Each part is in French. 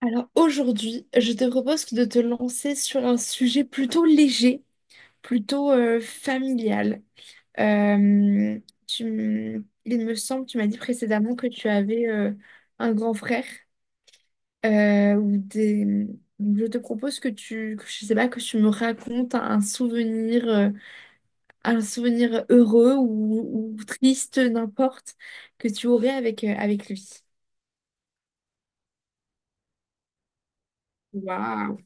Alors aujourd'hui, je te propose de te lancer sur un sujet plutôt léger, plutôt familial. Euh, il me semble, tu m'as dit précédemment que tu avais un grand frère ou des. Je te propose que tu, que je sais pas, que tu me racontes un souvenir heureux ou triste, n'importe, que tu aurais avec lui. Waouh!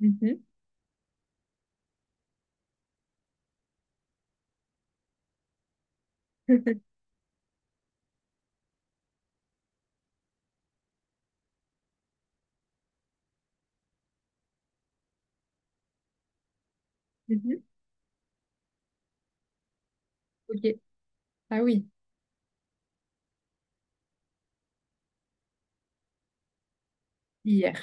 Mhm. Mhm. Ok. Ah oui, hier.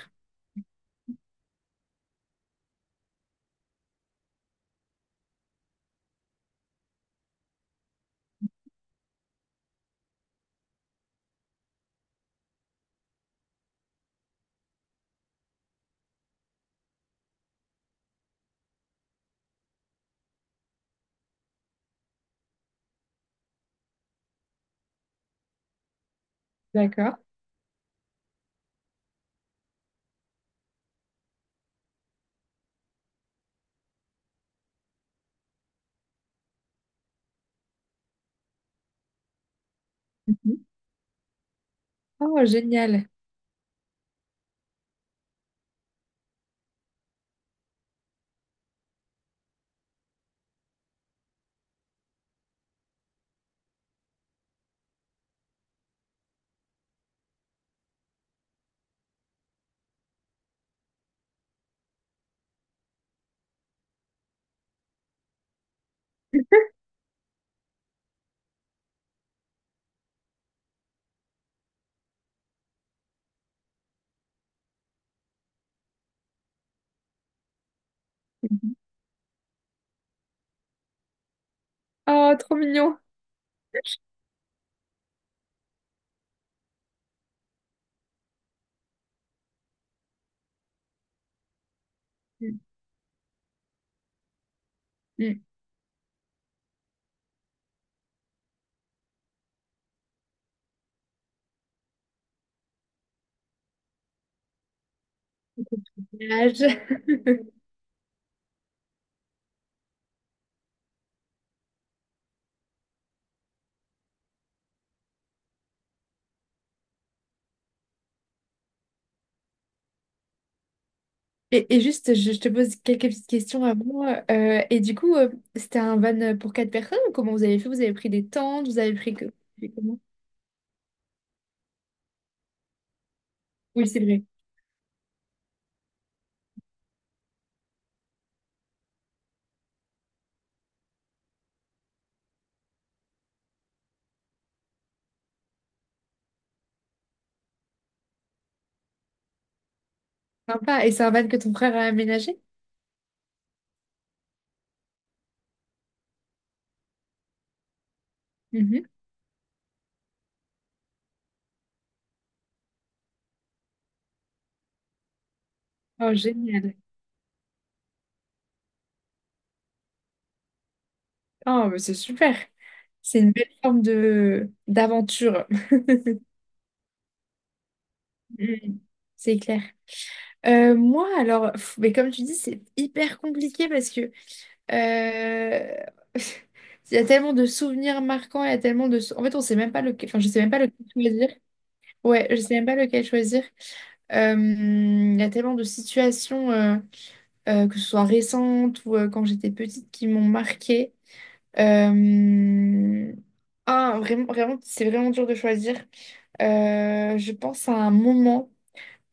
D'accord. Mhm. Oh, génial. Oh, trop mignon. Mm, mm. Nuage. Et juste, je te pose quelques petites questions avant. Et du coup, c'était un van pour quatre personnes ou comment vous avez fait? Vous avez pris des tentes, vous avez pris que... comment? Oui, c'est vrai. Sympa. Et c'est un van que ton frère a aménagé? Mhm. Oh, génial. Oh, mais c'est super. C'est une belle forme de d'aventure. Mm. C'est clair. Moi, alors, pff, mais comme tu dis, c'est hyper compliqué parce que euh, il y a tellement de souvenirs marquants, il y a tellement de... sou- en fait, on sait même pas lequel. Enfin, je sais même pas lequel choisir. Ouais, je sais même pas lequel choisir. Il y a tellement de situations, que ce soit récentes ou quand j'étais petite, qui m'ont marquée. Euh, Ah, vraiment, vraiment, c'est vraiment dur de choisir. Je pense à un moment.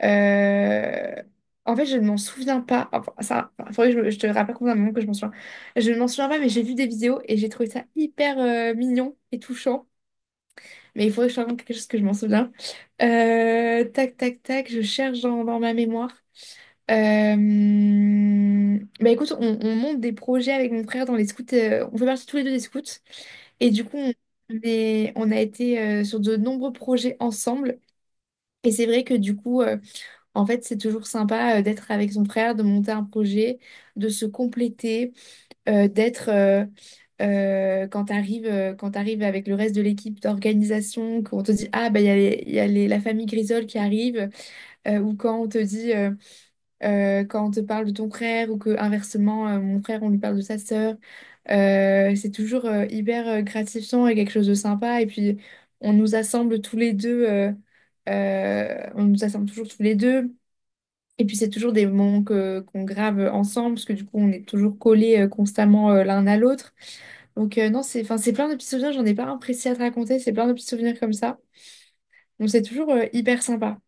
Euh, En fait, je ne m'en souviens pas. Enfin, ça, enfin, faudrait que je te rappelle combien de moments que je m'en souviens. Je ne m'en souviens pas, mais j'ai vu des vidéos et j'ai trouvé ça hyper mignon et touchant. Mais il faudrait que je te raconte quelque chose que je m'en souviens. Tac, tac, tac, je cherche dans ma mémoire. Bah écoute, on monte des projets avec mon frère dans les scouts. On fait partie tous les deux des scouts. Et du coup, on a été sur de nombreux projets ensemble. Et c'est vrai que du coup, en fait, c'est toujours sympa d'être avec son frère, de monter un projet, de se compléter, d'être quand t'arrives avec le reste de l'équipe d'organisation, qu'on te dit ah bah il y a, les- il y a les- la famille Grisol qui arrive, ou quand on te dit quand on te parle de ton frère, ou que inversement mon frère on lui parle de sa sœur, c'est toujours hyper gratifiant et quelque chose de sympa. Et puis on nous assemble tous les deux. On nous assemble toujours tous les deux. Et puis c'est toujours des moments que qu'on grave ensemble, parce que du coup on est toujours collés constamment l'un à l'autre. Donc non, c'est enfin, c'est plein de petits souvenirs, j'en ai pas un précis à te raconter, c'est plein de petits souvenirs comme ça. Donc c'est toujours hyper sympa.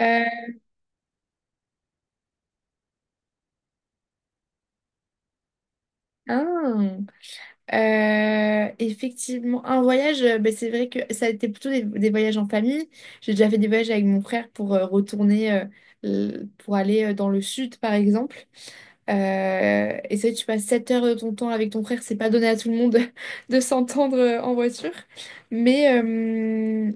Euh, hein, effectivement, un voyage, ben, c'est vrai que ça a été plutôt des voyages en famille. J'ai déjà fait des voyages avec mon frère pour aller dans le sud, par exemple. Et ça, tu passes 7 heures de ton temps avec ton frère, c'est pas donné à tout le monde de s'entendre en voiture. Mais, euh,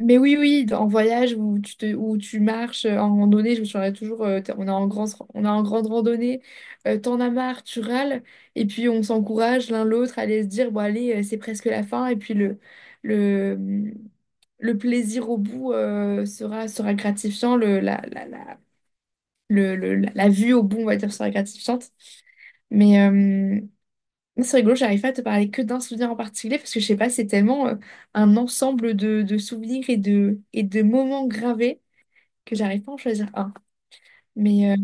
mais oui, oui, en voyage où où tu marches en randonnée, je me souviendrai toujours, on est en grande randonnée, t'en as marre, tu râles, et puis on s'encourage l'un l'autre à aller se dire, bon allez, c'est presque la fin, et puis le, le plaisir au bout sera gratifiant, le, la- le- la la vue au bout, on va dire, serait gratifiante. Mais c'est rigolo, j'arrive pas à te parler que d'un souvenir en particulier parce que je sais pas, c'est tellement un ensemble de souvenirs et et de moments gravés que j'arrive pas à en choisir un. Mais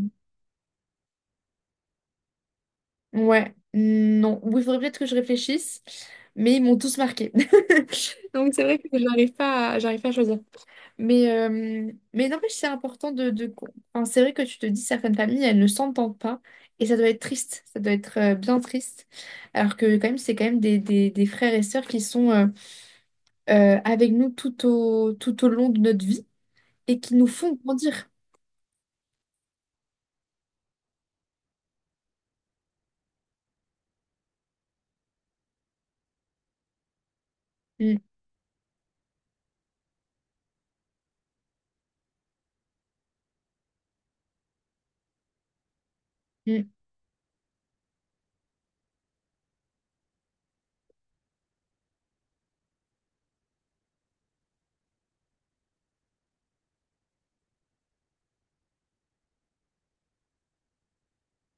ouais, non. Oui, il faudrait peut-être que je réfléchisse, mais ils m'ont tous marqué. Donc c'est vrai que j'arrive pas à choisir. Mais n'empêche, c'est important enfin, c'est vrai que tu te dis, certaines familles, elles ne s'entendent pas. Et ça doit être triste, ça doit être bien triste. Alors que quand même, c'est quand même des frères et sœurs qui sont avec nous tout au long de notre vie et qui nous font grandir. Mm, mm,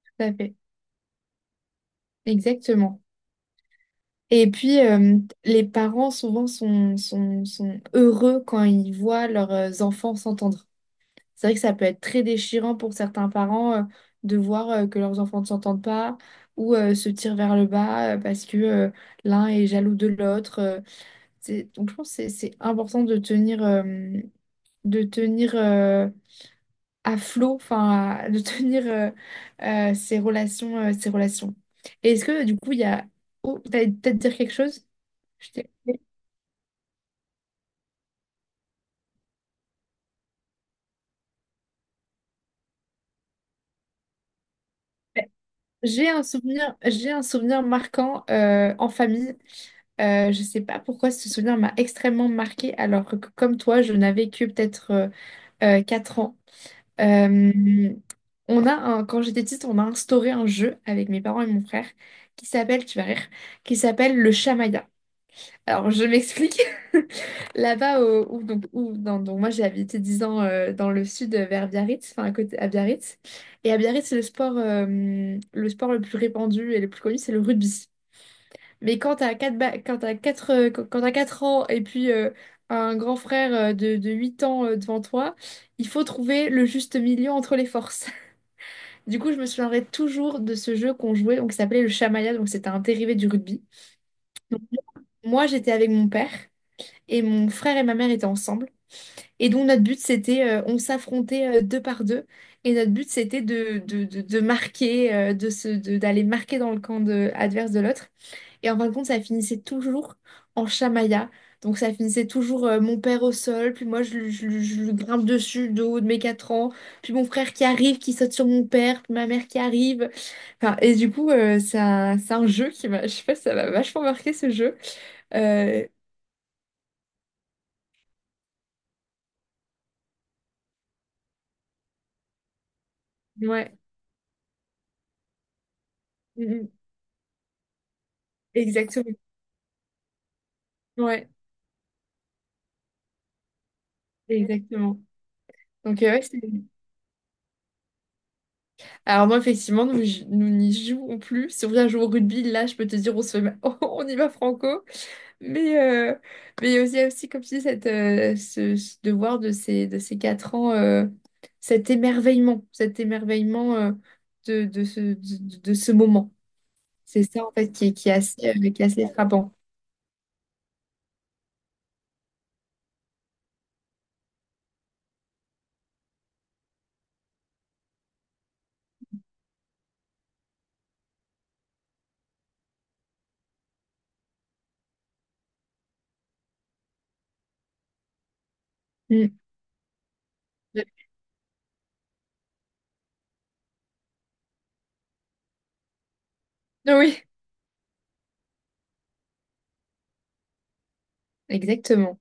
tout à fait, exactement. Et puis, les parents, souvent, sont heureux quand ils voient leurs enfants s'entendre. C'est vrai que ça peut être très déchirant pour certains parents de voir que leurs enfants ne s'entendent pas ou se tirent vers le bas parce que l'un est jaloux de l'autre. Donc je pense que c'est important de tenir à flot, enfin de tenir ces relations, ces relations. Et est-ce que du coup il y a. Oh, t'allais peut-être dire quelque chose? Je t'ai coupé. J'ai un souvenir marquant en famille. Je sais pas pourquoi ce souvenir m'a extrêmement marqué alors que comme toi, je n'avais que peut-être 4 ans. Euh, Quand j'étais petite, on a instauré un jeu avec mes parents et mon frère qui s'appelle, tu vas rire, qui s'appelle le Chamaya. Alors je m'explique. Là-bas, au- où, donc, où- dans- donc, moi j'ai habité 10 ans dans le sud vers Biarritz, enfin à côté, à Biarritz. Et à Biarritz, le sport le plus répandu et le plus connu, c'est le rugby. Mais quand t'as 4 ans et puis un grand frère de 8 ans devant toi, il faut trouver le juste milieu entre les forces. Du coup, je me souviendrai toujours de ce jeu qu'on jouait, donc, qui s'appelait le Shamaya, donc c'était un dérivé du rugby. Donc, moi, j'étais avec mon père et mon frère et ma mère étaient ensemble. Et donc, notre but, c'était, on s'affrontait deux par deux. Et notre but, c'était de marquer, d'aller marquer dans le camp adverse de l'autre. Et en fin de compte, ça finissait toujours en chamaillard. Donc ça finissait toujours mon père au sol, puis moi je lui grimpe dessus de haut de mes 4 ans, puis mon frère qui arrive, qui saute sur mon père, puis ma mère qui arrive. Enfin, et du coup, c'est un jeu je sais pas, ça m'a vachement marqué ce jeu. Euh, ouais, Mhm. Exactement. Ouais, exactement. Donc, ouais, alors moi, effectivement, nous n'y jouons plus. Si on vient jouer au rugby, là, je peux te dire, on se fait... on y va franco. Mais, euh, mais il y a aussi, aussi, comme tu dis, ce devoir de ces 4 ans, cet émerveillement de ce moment. C'est ça, en fait, qui est assez frappant. Mm. Oui, exactement.